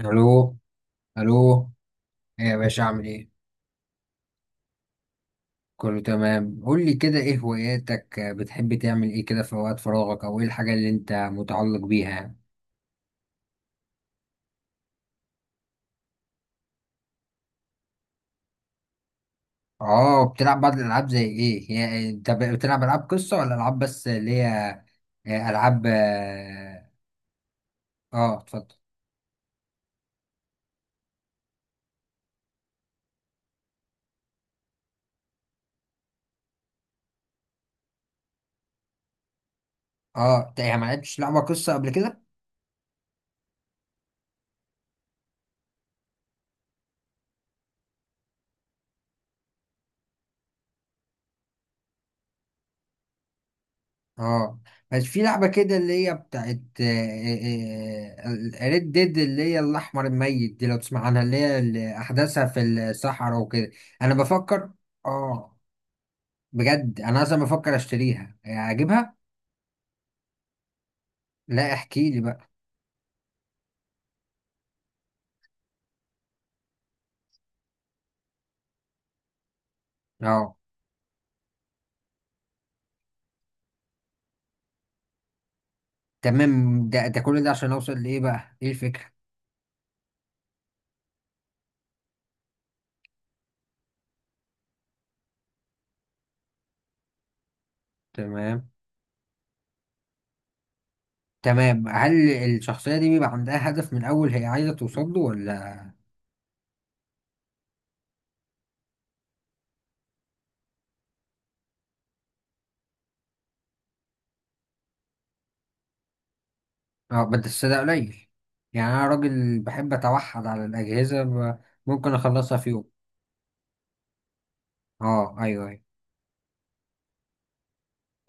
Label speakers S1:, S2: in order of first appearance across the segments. S1: الو، الو. ايه يا باشا، اعمل ايه؟ كله تمام. قول لي كده، ايه هواياتك؟ بتحب تعمل ايه كده في وقت فراغك، او ايه الحاجه اللي انت متعلق بيها يعني؟ اه، بتلعب بعض الالعاب. زي ايه هي؟ انت بتلعب العاب قصه ولا العاب بس اللي هي. العاب اتفضل. اه، انت يعني ما لعبتش لعبه قصه قبل كده؟ اه، بس في لعبة كده اللي هي بتاعت ريد ديد، اللي هي الأحمر الميت دي، لو تسمع عنها، اللي هي اللي أحداثها في الصحراء وكده. أنا بفكر. اه، بجد أنا أصلا بفكر أشتريها، أجيبها؟ لا، احكي لي بقى. اه، تمام. ده كل ده عشان أوصل لإيه بقى؟ إيه الفكرة؟ تمام، تمام. هل الشخصية دي بيبقى عندها هدف من أول هي عايزة توصل له ولا؟ اه، بس ده قليل. يعني انا راجل بحب اتوحد على الاجهزه، ممكن اخلصها في يوم. اه، ايوه، ايوه.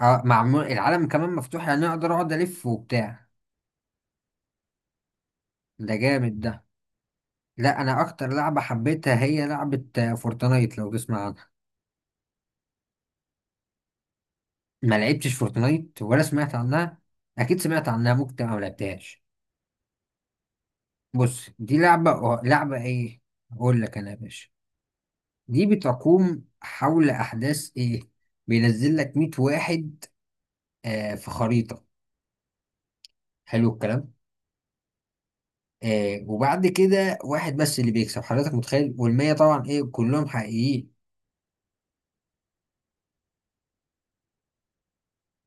S1: اه، معمول العالم كمان مفتوح يعني اقدر اقعد الف وبتاع. ده جامد ده. لا، انا اكتر لعبه حبيتها هي لعبه فورتنايت، لو تسمع عنها. ما لعبتش فورتنايت ولا سمعت عنها؟ اكيد سمعت عنها، ممكن تبقى ما لعبتهاش. بص، دي لعبه لعبه ايه. اقول لك انا يا باشا، دي بتقوم حول احداث ايه. بينزل لك 100 واحد في خريطه. حلو الكلام. وبعد كده واحد بس اللي بيكسب، حضرتك متخيل؟ والمية طبعا ايه، كلهم حقيقيين.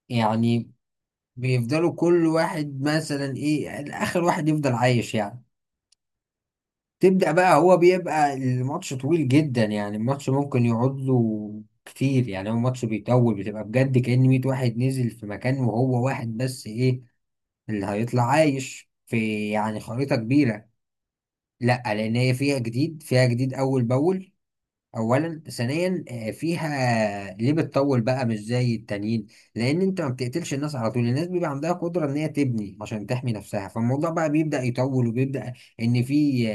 S1: يعني بيفضلوا كل واحد مثلا ايه، اخر واحد يفضل عايش يعني. تبدأ بقى، هو بيبقى الماتش طويل جدا، يعني الماتش ممكن يقعد له كتير، يعني هو ماتش بيطول. بتبقى بجد كأن 100 واحد نزل في مكان وهو واحد بس ايه اللي هيطلع عايش في يعني خريطة كبيرة. لا، لان هي فيها جديد، فيها جديد اول باول. اولا، ثانيا، فيها. ليه بتطول بقى مش زي التانيين؟ لان انت ما بتقتلش الناس على طول، الناس بيبقى عندها قدره ان هي تبني عشان تحمي نفسها. فالموضوع بقى بيبدا يطول وبيبدا ان في.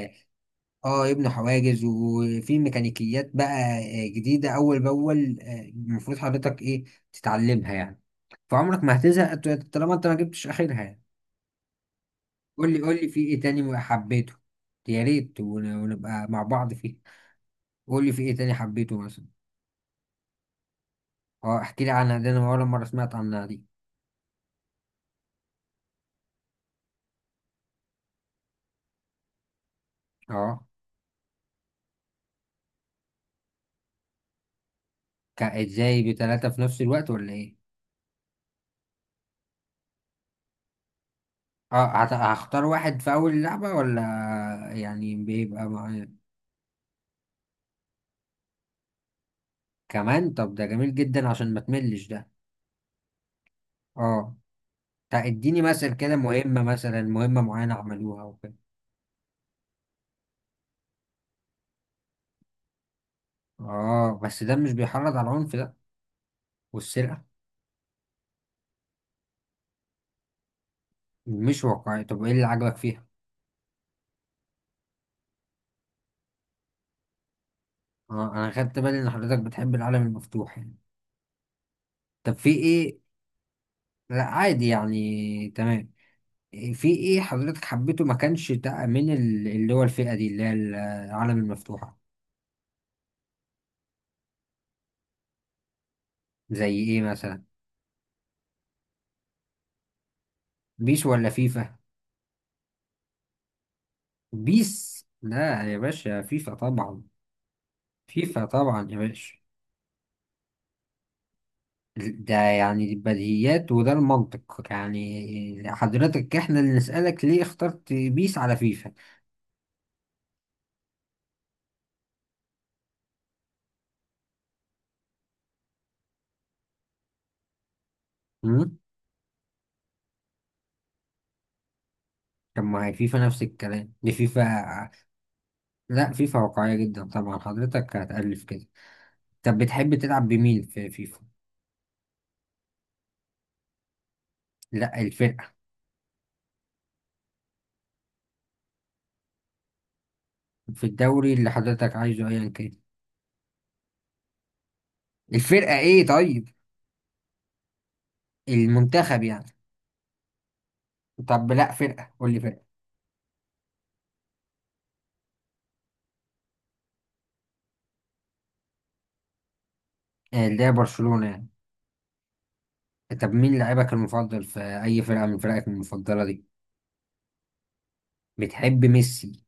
S1: اه، يبنوا حواجز. وفي ميكانيكيات بقى جديده اول باول، المفروض حضرتك ايه تتعلمها يعني. فعمرك ما هتزهق طالما انت ما جبتش اخرها يعني. قول لي، قول لي في ايه تاني حبيته. يا ريت ونبقى مع بعض فيه. قول لي في ايه تاني حبيته مثلا. اه، احكي لي عنها، دي انا اول مره سمعت عنها دي. اه، ازاي بثلاثه في نفس الوقت، ولا ايه؟ اه، هختار واحد في اول لعبه، ولا يعني بيبقى معايا كمان؟ طب ده جميل جدا عشان ما تملش ده. اه، طب اديني مثل كده مهمه، مثلا مهمه معينه عملوها وكده. اه، بس ده مش بيحرض على العنف ده والسرقه؟ مش واقعي؟ طب ايه اللي عجبك فيها؟ اه، انا خدت بالي ان حضرتك بتحب العالم المفتوح يعني. طب في ايه؟ لا، عادي يعني، تمام. في ايه حضرتك حبيته ما كانش ده من اللي هو الفئة دي اللي هي العالم المفتوحة؟ زي ايه مثلا؟ بيس ولا فيفا؟ بيس؟ لا يا باشا، فيفا طبعا. فيفا طبعا يا باشا. ده يعني البديهيات، وده المنطق يعني. حضرتك احنا اللي نسألك، ليه اخترت بيس على فيفا؟ امم طب ما هي فيفا نفس الكلام، دي فيفا. لا، فيفا واقعية جدا طبعا. حضرتك هتألف كده. طب بتحب تلعب بمين في فيفا؟ لا، الفرقة. في الدوري اللي حضرتك عايزه، ايا كان. الفرقة ايه طيب؟ المنتخب يعني؟ طب لا فرقة، قول لي فرقة. اللي هي برشلونة يعني؟ طب مين لاعبك المفضل في اي فرقة من فرقك المفضلة دي؟ بتحب ميسي؟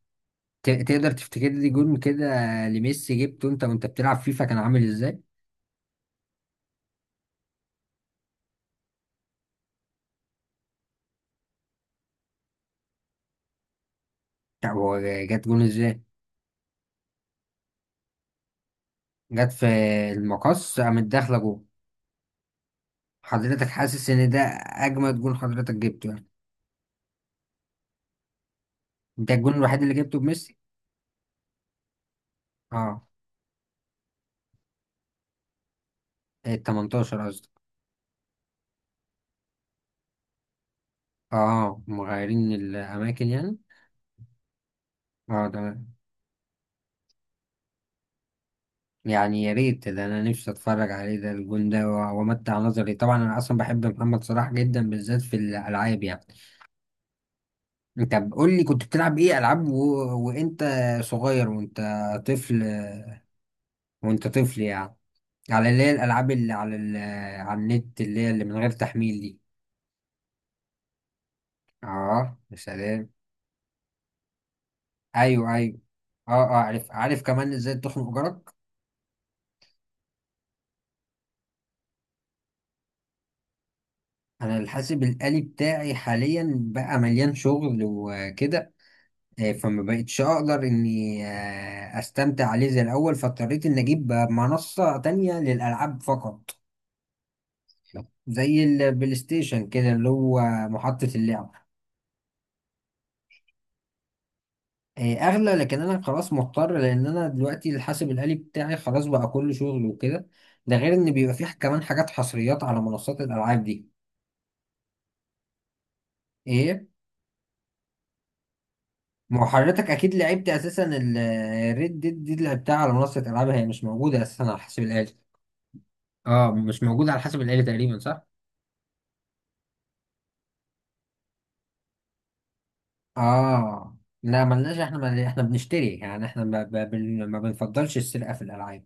S1: تقدر تفتكر لي جون كده لميسي جبته انت وانت بتلعب فيفا، كان عامل ازاي؟ طب هو جت جون ازاي؟ جت في المقص، قامت داخلة جون. حضرتك حاسس ان ده اجمد جون حضرتك جبته يعني؟ ده الجون الوحيد اللي جبته بميسي؟ اه، ال 18 قصدي. اه، مغيرين الأماكن يعني. اه، تمام. يعني يا ريت ده، أنا نفسي أتفرج عليه ده الجون ده، وأمتع نظري. طبعا أنا أصلا بحب محمد صلاح جدا، بالذات في الألعاب يعني. طب قول لي، كنت بتلعب إيه ألعاب وأنت صغير، طفل وأنت طفل يعني، على اللي هي الألعاب اللي على على النت، اللي هي اللي من غير تحميل دي. اه، يا سلام! أيوه، أيوه. اه، اه، عارف، عارف كمان إزاي تخنق جارك. انا الحاسب الآلي بتاعي حاليا بقى مليان شغل وكده، فما بقتش اقدر اني استمتع عليه زي الاول. فاضطريت اني اجيب منصة تانية للالعاب فقط، زي البلاي ستيشن كده، اللي هو محطة اللعب. اغلى، لكن انا خلاص مضطر، لان انا دلوقتي الحاسب الآلي بتاعي خلاص بقى كل شغل وكده. ده غير ان بيبقى فيه كمان حاجات حصريات على منصات الالعاب دي. ايه؟ ما هو حضرتك اكيد لعبت اساسا الريد ديد دي اللي لعبتها على منصه العاب، هي مش موجوده اساسا على حسب الالي. اه، مش موجود على حسب الآلي تقريبا، صح؟ اه، لا، ملناش، احنا احنا بنشتري يعني. احنا ما, ب... بن... ما بنفضلش السرقه في الالعاب.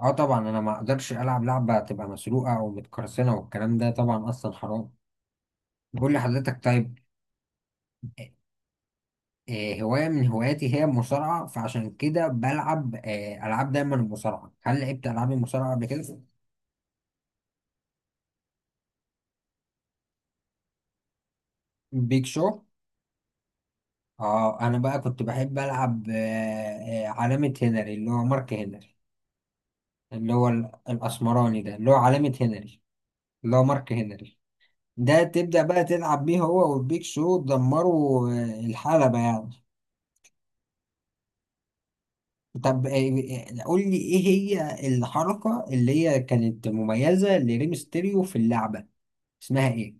S1: اه طبعا، انا ما اقدرش العب لعبه تبقى مسروقه او متقرصنه، والكلام ده طبعا اصلا حرام. بقول لحضرتك، طيب. آه، هوايه من هواياتي هي المصارعه، فعشان كده بلعب العاب دايما المصارعه. هل لعبت العاب المصارعه قبل كده؟ بيك شو. اه، انا بقى كنت بحب العب علامة هنري، اللي هو مارك هنري. اللي هو الاسمراني ده، اللي هو علامة هنري، اللي هو مارك هنري. ده تبدأ بقى تلعب بيه هو والبيك شو، تدمروا الحلبة يعني. طب قول لي ايه هي الحركة اللي هي كانت مميزة لريمستيريو في اللعبة، اسمها ايه؟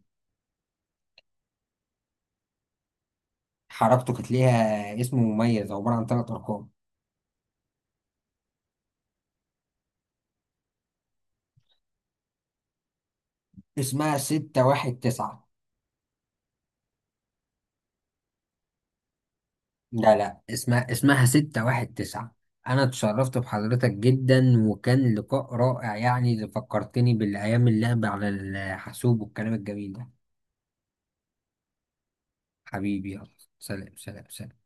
S1: حركته كانت ليها اسم مميز، عبارة عن ثلاث ارقام. اسمها 619. لا، لا، اسمها 619. انا اتشرفت بحضرتك جدا، وكان لقاء رائع يعني، اللي فكرتني بالايام اللعب على الحاسوب والكلام الجميل ده. حبيبي، يلا، سلام، سلام، سلام.